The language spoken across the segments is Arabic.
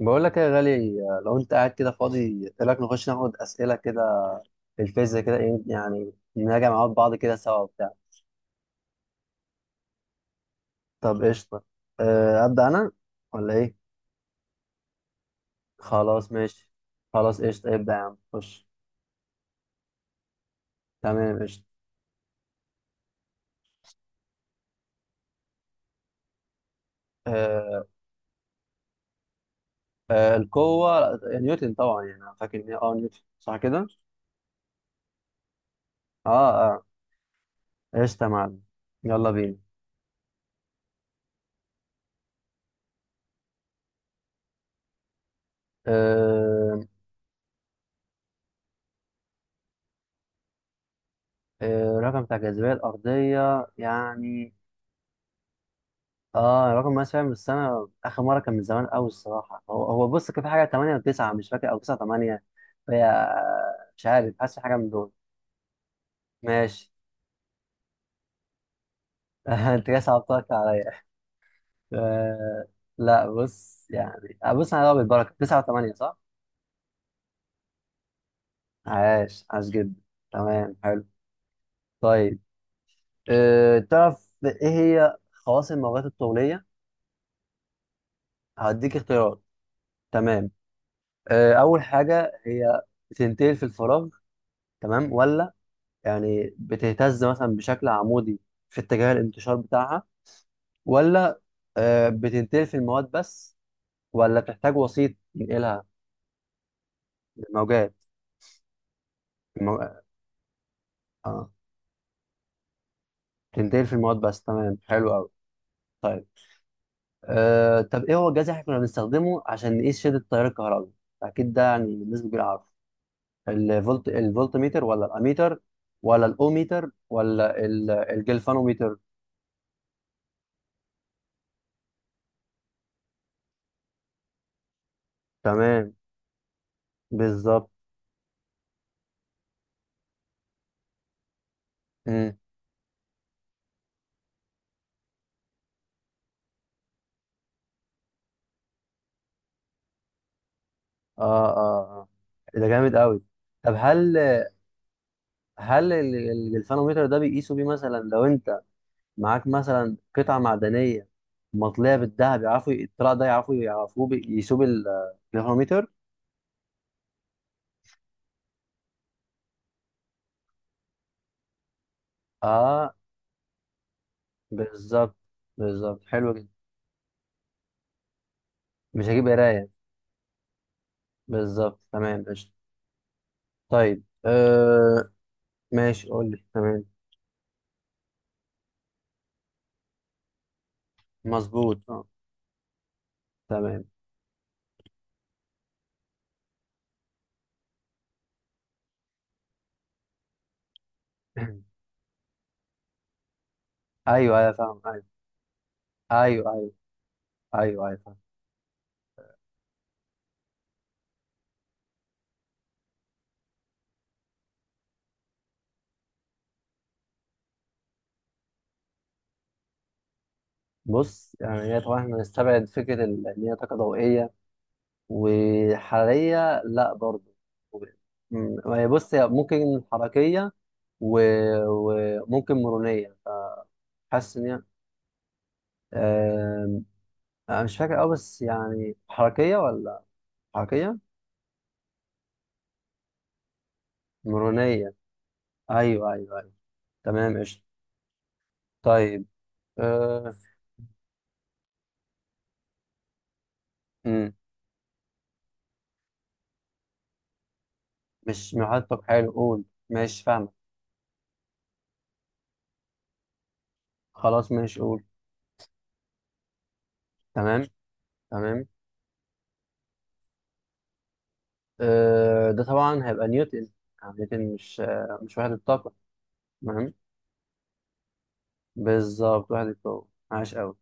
بقول لك يا غالي، لو انت قاعد كده فاضي ايه رايك نخش ناخد اسئله كده في الفيزياء كده، ايه يعني نراجع مع بعض كده سوا وبتاع. طب قشطه. اه، ابدا انا ولا ايه. خلاص ماشي، خلاص قشطه ابدا يا عم خش. تمام قشطه. أه. أه القوه آه، نيوتن طبعا، يعني انا فاكر ان هي اه نيوتن صح كده. اه اه. قشطه يا معلم. يلا بينا. أه. أه رقم بتاع الجاذبيه الارضيه يعني. اه رقم مقاس فعلا، بس انا اخر مره كان من زمان قوي الصراحه. هو بص كان في حاجه 8 و9 مش فاكر، او 9 8 فهي، مش عارف حاسس في حاجه من دول. ماشي. انت كده صعبتك عليا. آه لا بص يعني آه، بص انا بالبركه 9 و8 صح؟ عاش عاش جدا. تمام حلو. طيب آه، تعرف ايه هي خواص الموجات الطوليه؟ هديك اختيارات. تمام. آه اول حاجه هي بتنتقل في الفراغ، تمام ولا يعني بتهتز مثلا بشكل عمودي في اتجاه الانتشار بتاعها، ولا آه، بتنتقل في المواد بس، ولا بتحتاج وسيط ينقلها. الموجات. المو... اه بتنتقل في المواد بس، تمام حلو قوي. طيب آه، طب ايه هو الجهاز اللي احنا كنا بنستخدمه عشان نقيس شدة التيار الكهربي؟ اكيد ده يعني بالنسبة كبيرة عارفه. الفولت، الفولت ميتر ولا الاميتر ولا الاوميتر ولا الجلفانوميتر. تمام. بالظبط. مم. اه اه اه. ده جامد قوي. طب هل، هل الجلفانومتر ده بيقيسوا بيه مثلا لو انت معاك مثلا قطعه معدنيه مطليه بالذهب، يعرفوا الطلع ده، يعرفوا، يقيسوه بالجلفانومتر. اه. بالظبط. بالظبط حلو جدا. مش هجيب قرايه. بالظبط تمام قشطه. طيب آه. ماشي قول لي. تمام. مظبوط اه. تمام. ايوه ايوه فاهم ايوه ايوه ايوه، ايوه ايوه فاهم. بص يعني هي طبعا احنا نستبعد فكره ان هي طاقه ضوئيه وحرارية لا برضو. و- هي بص هي ممكن حركية. و- وممكن مرونية. حاسس ان هي آم، انا مش فاكر قوي، بس يعني حركية ولا حركية. مرونية. ايوه ايوه ايوه. تمام قشطة. طيب. أه. مم. مش محطك حلو قول. ماشي فاهمك، خلاص ماشي قول. تمام. تمام. أه ده طبعا هيبقى نيوتن، يعني نيوتن مش آه، مش وحدة طاقة. تمام بالظبط وحدة قوة عاش قوي.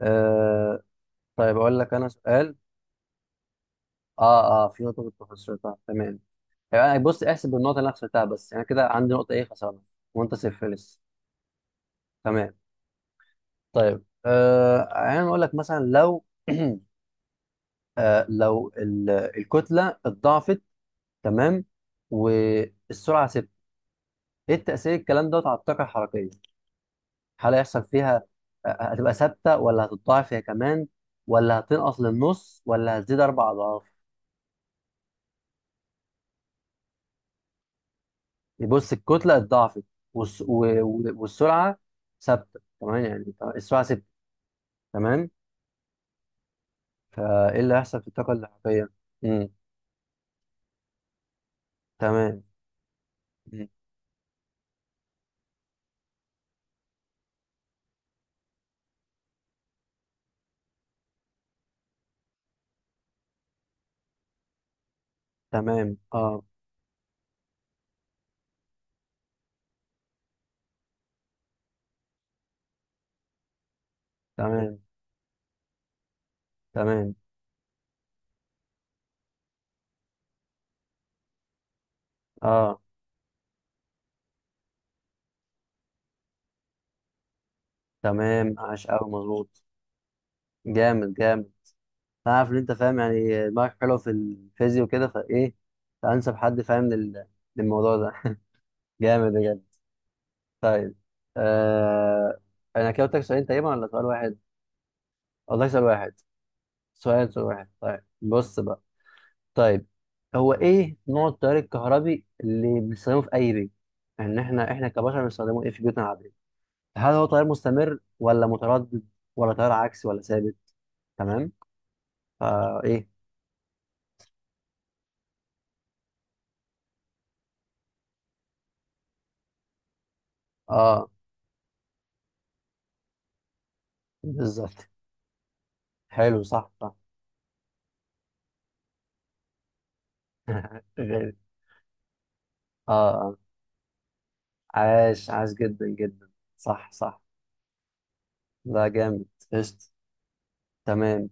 آه طيب اقول لك انا سؤال. اه اه في نقطه كنت خسرتها تمام. يعني بص احسب النقطه اللي انا خسرتها، بس يعني كده عندي نقطه ايه خسرنا، وانت صفر لسه. تمام. طيب آه، يعني اقول لك مثلا لو آه لو الكتله اتضاعفت، تمام، والسرعه ثابته، ايه التاثير الكلام دوت على الطاقه الحركيه؟ هل هيحصل فيها آه، هتبقى ثابته، ولا هتتضاعف هي كمان، ولا هتنقص للنص، ولا هتزيد اربع اضعاف؟ بص الكتله اتضاعفت، والسرعه ثابته، تمام، يعني السرعه ثابته، تمام. فايه اللي هيحصل في الطاقه الاحتياطيه. امم. تمام. مم. تمام اه. تمام. تمام اه. تمام عاش قوي مظبوط. جامد جامد. انا عارف ان انت فاهم، يعني دماغك حلو في الفيزياء وكده، فايه. فانسب حد فاهم للموضوع ده. جامد بجد. طيب آه، انا كده قلت لك سؤالين تقريبا ولا سؤال واحد؟ قلت لك سؤال واحد. سؤال واحد. طيب بص بقى. طيب هو ايه نوع التيار الكهربي اللي بنستخدمه في اي بيت، ان احنا كبشر بنستخدمه ايه في بيوتنا العاديه؟ هل هو تيار مستمر ولا متردد ولا تيار عكسي ولا ثابت؟ تمام. فا ايه. اه بالظبط حلو صح صح. غير. اه آه. عاش عاش جدا جدا صح صح. لا جامد. قشطة. تمام.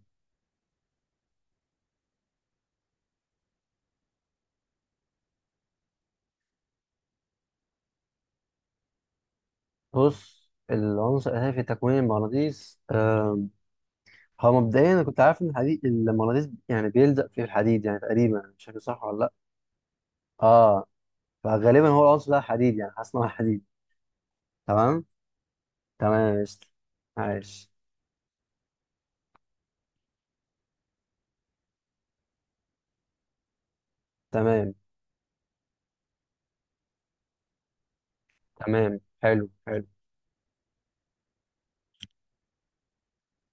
بص العنصر الأساسي في تكوين المغناطيس آه، هو مبدئيا انا كنت عارف ان الحديد، المغناطيس يعني بيلزق في الحديد يعني تقريبا، مش فاكر صح ولا لا. اه. فغالبا هو العنصر ده حديد، يعني حاسس ان هو حديد. تمام. تمام يا قشطة. عايش. تمام. تمام حلو حلو.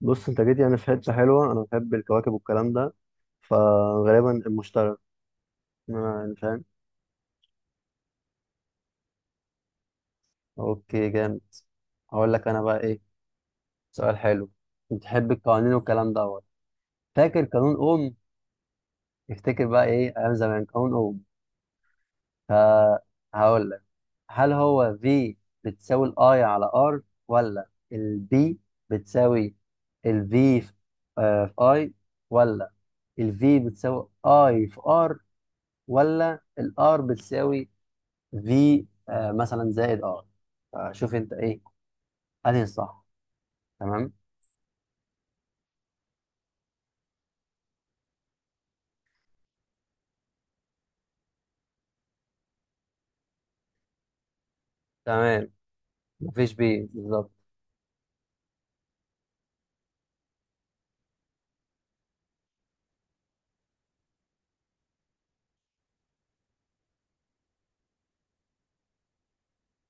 بص انت جيت يعني في حته حلوه، انا بحب الكواكب والكلام ده. فغالبا المشتري. أنا فاهم. اوكي جامد. هقول لك انا بقى ايه سؤال حلو. بتحب القوانين والكلام دوت. فاكر قانون اوم. افتكر بقى ايه ايام زمان قانون اوم. فهقول، هل هو V بتساوي ال I على R، ولا ال B بتساوي ال V في آه، في I، ولا ال V بتساوي I في R، ولا ال R بتساوي V آه، مثلا زائد R؟ فشوف انت ايه انهي الصح. تمام. تمام. مفيش B، بالظبط.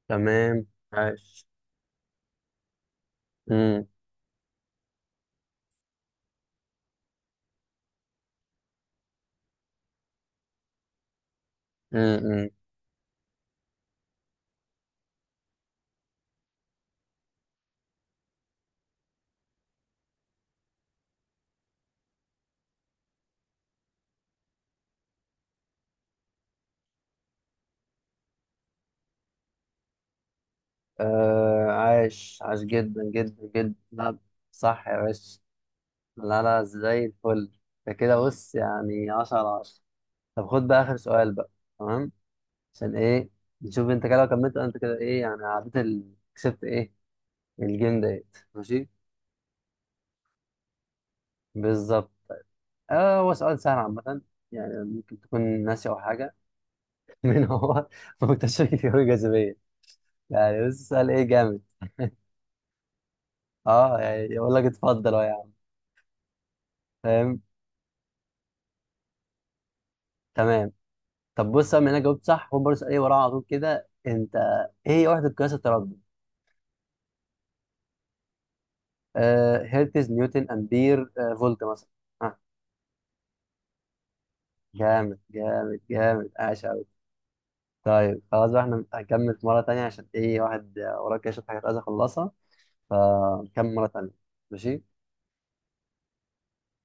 تمام عاش. امم. امم. آه عاش عاش جدا جدا جدا لا، صح يا باشا. لا لا زي الفل. ده كده بص يعني 10 على 10. طب خد بقى آخر سؤال بقى. تمام. عشان إيه نشوف أنت كده لو كملت أنت كده إيه، يعني عديت ال... كسبت إيه الجيم ديت ماشي. بالظبط. آه هو سؤال سهل عامة، يعني ممكن تكون ناسي أو حاجة. من هو مكتشف الجاذبية، يعني بص سؤال إيه جامد. أه يعني يقول لك اتفضل أهو يا عم. فاهم. تمام. طب بص بما إنك جاوبت صح خد برضه سؤال إيه وراه على طول كده أنت. إيه هي وحدة قياس التردد؟ آه هيرتز، نيوتن، امبير، آه فولت مثلا. آه. مم. جامد جامد جامد عاش قوي. طيب خلاص بقى، احنا هنكمل في مره تانية عشان ايه واحد آه، وراه كده شويه حاجات عايز اخلصها، فنكمل مره تانية. ماشي.